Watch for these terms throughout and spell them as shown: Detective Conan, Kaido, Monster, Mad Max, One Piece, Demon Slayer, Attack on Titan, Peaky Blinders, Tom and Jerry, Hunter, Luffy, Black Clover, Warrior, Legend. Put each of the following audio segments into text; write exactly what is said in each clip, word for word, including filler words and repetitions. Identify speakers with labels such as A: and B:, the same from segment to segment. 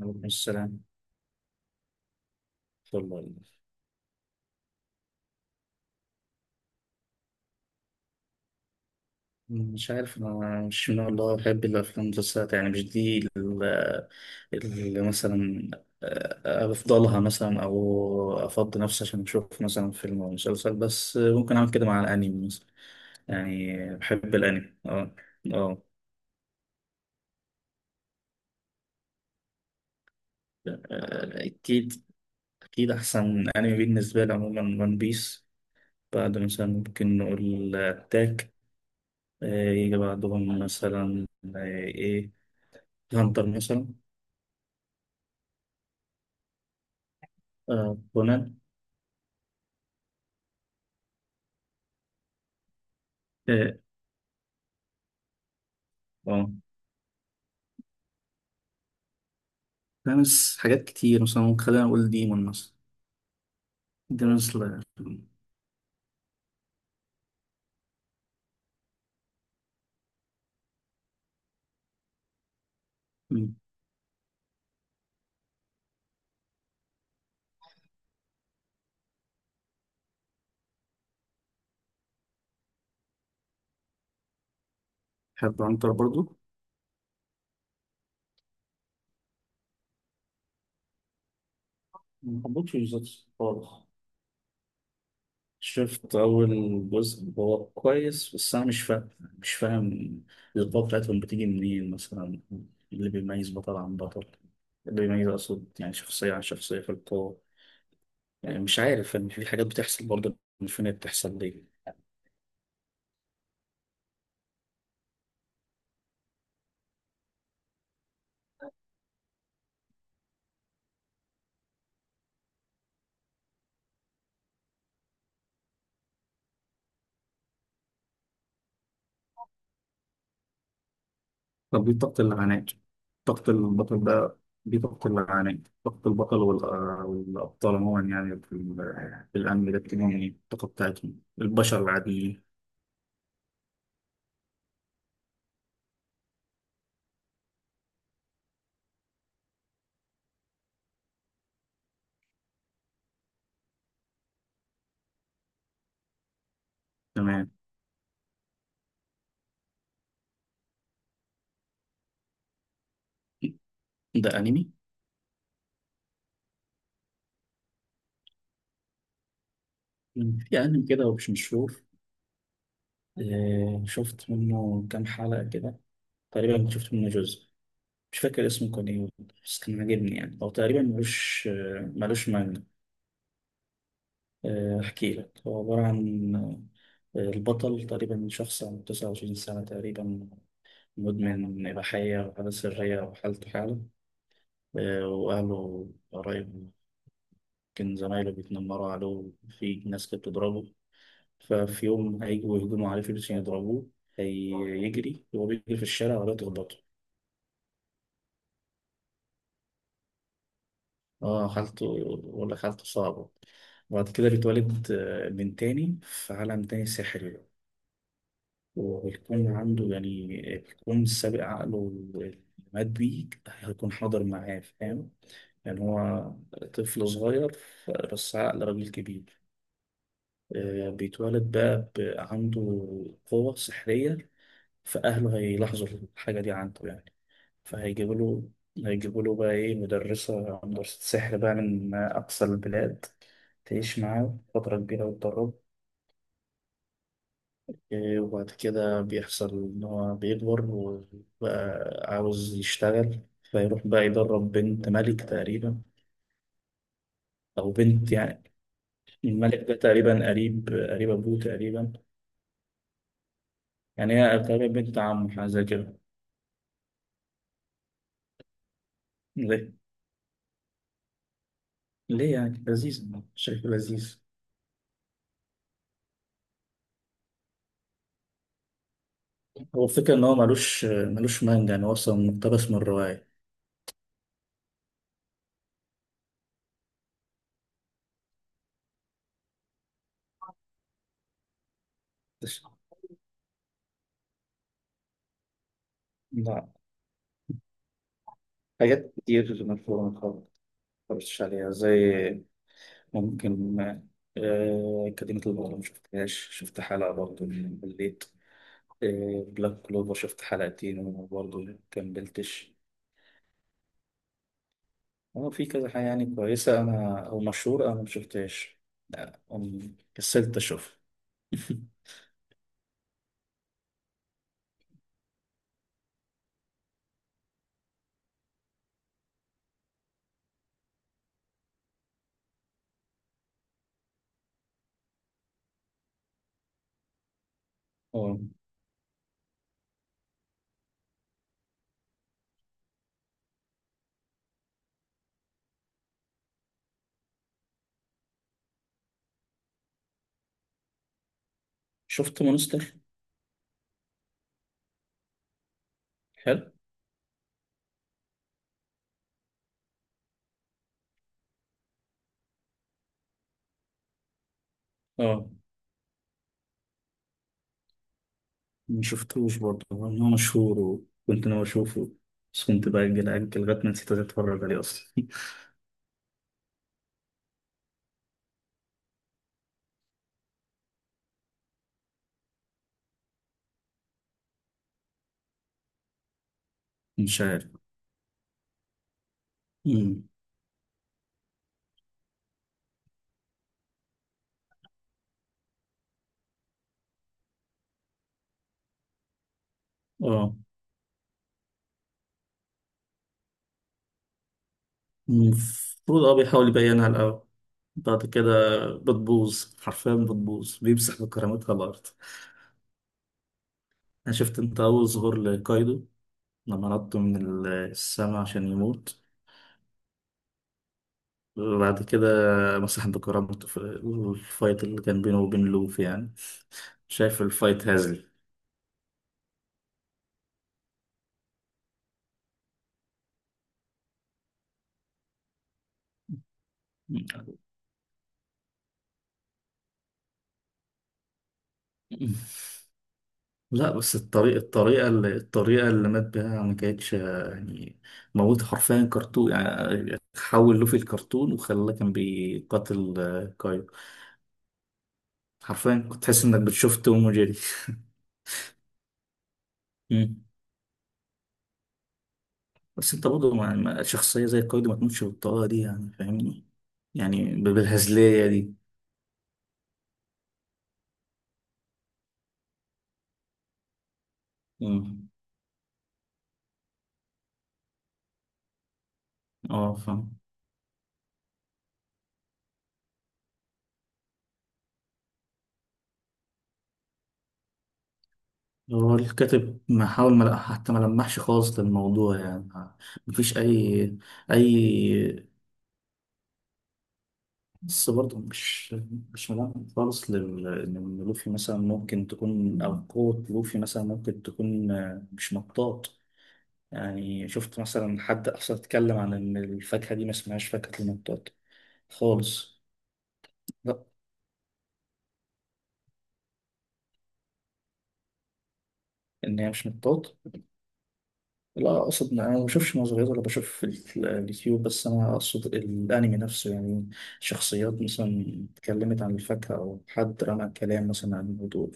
A: عليكم السلام. والله مش عارف أنا مش من الله بحب الأفلام المسلسلات، يعني مش دي ال- اللي مثلا آه، أفضلها، مثلا أو أفضي نفسي عشان أشوف مثلا فيلم أو مسلسل، بس ممكن أعمل كده مع الأنمي مثلا. يعني بحب الأنمي، أه. أه. آه، أكيد. أكيد أحسن أنمي بالنسبة لي عموما ون بيس، بعد مثلا ممكن نقول أتاك، يجي بعدهم مثلا آه، إيه، هانتر مثلا. آه، كونان. اه. آه. فاهمس حاجات كتير، مثلا ممكن خلينا نقول ديمون مثلا. ديمون سلاير. مم. بحب عنتر برضو. ما حبيتش بالظبط خالص. شفت أول جزء، هو كويس، بس أنا مش فاهم مش فاهم القوة بتاعتهم بتيجي منين مثلا، اللي بيميز بطل عن بطل، اللي بيميز أقصد يعني شخصية عن شخصية في القوة. يعني مش عارف، يعني في حاجات بتحصل برضه مش فاهم هي بتحصل ليه. طب دي طاقة العناد، طاقة البطل ده؟ دي طاقة العناد طاقة البطل، والأ- والأبطال عموما يعني في ال- في الأنمي ده بتكون يعني الطاقة بتاعتهم البشر العاديين. تمام. ده أنمي؟ في أنمي كده ومش مشهور، آه، شفت منه كام حلقة كده، تقريبا كنت شفت منه جزء، مش فاكر اسمه كان إيه، بس كان عاجبني، يعني هو تقريبا ملوش، آه، ملوش مانجا. آه، أحكي لك، هو عبارة عن آه، البطل تقريبا شخص عنده تسعة وعشرين سنة تقريبا، مدمن إباحية وحالة سرية، وحالته حالة آه، وأهله قرايبه يمكن زمايله بيتنمروا عليه، في ناس كانت بتضربه. ففي يوم هيجوا يهجموا عليه فلوس عشان يضربوه، هيجري وهو بيجري في الشارع ولا تخبطه. اه، حالته، بقول لك حالته صعبة. وبعد كده بيتولد آه، من تاني في عالم تاني سحري، وبيكون عنده يعني بيكون سابق عقله اللي مات بيه هيكون حاضر معاه، فاهم يعني؟ هو طفل صغير، ف- بس عقل راجل كبير. آه، بيتولد بقى ب- عنده قوة سحرية، فأهله هيلاحظوا الحاجة دي عنده يعني. فهيجيبوا له هيجيبوا له بقى إيه، مدرسة مدرسة سحر بقى من أقصى البلاد تعيش معاه فترة كبيرة وتدرب. إيه، وبعد كده بيحصل إن هو بيكبر وبقى عاوز يشتغل، فيروح بقى يدرب بنت ملك تقريبا، أو بنت يعني، الملك ده تقريبا قريب قريب أبوه تقريبا، يعني هي تقريبا بنت عمه حاجة زي كده. ليه؟ ليه يعني؟ لذيذ، شايف لذيذ. هو الفكرة إن هو ملوش ملوش مانجا، يعني هو أصلا مقتبس من الرواية. بس- لا، حاجات كتير مفهومة خالص، مقتبسش عليها زي، ممكن آه، كلمة البطل ما شفتهاش، شفت حلقة برضه مليت. آه، بلاك كلوفر شفت حلقتين وبرضه مكملتش. هو في كذا حاجة يعني كويسة أنا، أو مشهورة أنا مشفتهاش. لا أم- كسلت أشوف. اه، شفت مونستر؟ حلو. اه، مشفتوش برضه، هو إن هو مشهور وكنت ناوي أشوفه، بس كنت بأجل أجل لغاية ما نسيت أتفرج عليه أصلا. مش عارف. أمم، اه. المفروض، اه، بيحاول يبينها الأول، بعد كده بتبوظ، حرفيا بتبوظ، بيمسح بكرامتها الأرض. أنا شفت أنت أول ظهور لكايدو، لما نطوا من السما عشان يموت، وبعد كده مسح بكرامته في الفايت اللي كان بينه وبين لوف يعني. شايف الفايت هزلي. لا بس الطريقة، الطريقة اللي الطريقة اللي مات بيها ما كانتش يعني موت، حرفيا كرتون يعني، حول لوفي الكرتون وخلاه كان بيقاتل آه، كايو. حرفيا كنت تحس انك بتشوف توم وجيري. مم. بس انت برضه ما- ما- شخصية زي كايو دي ما تموتش بالطريقة دي، يعني فاهمني؟ يعني ب- بالهزلية دي. مم. اه فاهم. هو الكاتب محاول ما حتى ما لمحش خالص للموضوع، يعني مفيش أي، أي بس برضه مش، مش ملامح خالص لل- إن لوفي مثلا ممكن تكون، أو قوة لوفي مثلا ممكن تكون آه، مش مطاط. يعني شفت مثلا حد أصلا اتكلم عن إن الفاكهة دي ما اسمهاش فاكهة المطاط خالص؟ لا، إن هي مش مطاط. لا اقصد إن انا ما بشوفش نظريات ولا بشوف في ال- اليوتيوب، بس انا اقصد الانمي نفسه يعني، شخصيات مثلا اتكلمت عن الفاكهه، او حد رمى كلام مثلا عن الموضوع.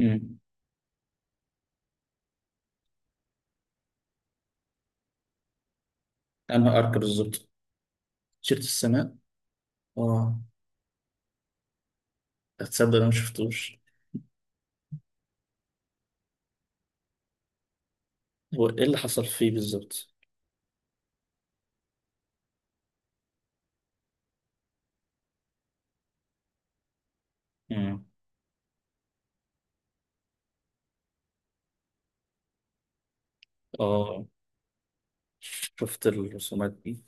A: امم. انا ارك بالظبط شفت السماء؟ اه. هتصدق انا ما شفتوش؟ هو ايه اللي حصل فيه بالظبط؟ امم. اه. شفت الرسومات دي.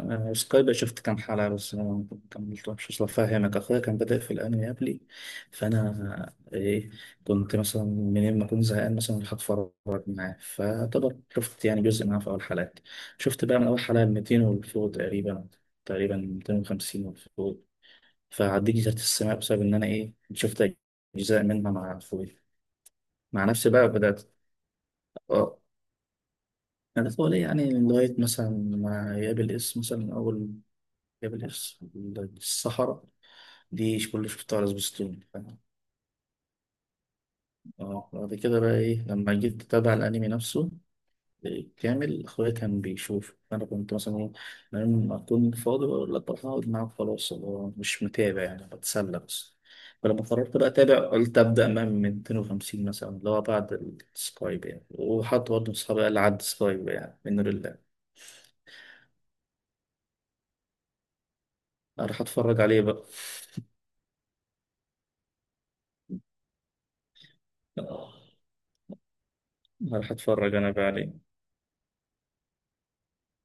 A: آه، سكاي، شفت كام حلقة بس أنا ما كملتهمش، أصل أفهمك، أخويا كان بادئ في الأنمي قبلي، فأنا إيه، كنت مثلا منين ما أكون زهقان مثلا أروح أتفرج معاه، فطبعا شفت يعني جزء معاه في أول حلقات. شفت بقى من أول حلقة مائتين والفوق تقريبا، تقريبا مية وخمسين والفوق. فعديت جزيرة السماء بسبب إن أنا إيه، شفت أجزاء منها مع أخويا. مع نفسي بقى بدأت. آه، أنا طول يعني لغاية مثلا ما يقابل اسم مثلا أول جبل، الص- الصحراء دي مش كل اللي شفتها على سبيستون. اه بعد كده بقى ايه، لما جيت اتابع الانمي نفسه كامل، اخويا كان بيشوف، انا كنت مثلا ايه، لما اكون فاضي بقول لك بروح اقعد معاك، خلاص هو مش متابع يعني، بتسلى بس. فلما قررت بقى اتابع، قلت ابدا من من مية وخمسين مثلا، اللي هو بعد السكايب يعني. وحد برضه من اصحابي قال لي عد سكايب يعني من لله، اروح اتفرج عليه بقى. آه، هروح اتفرج انا بقى عليه.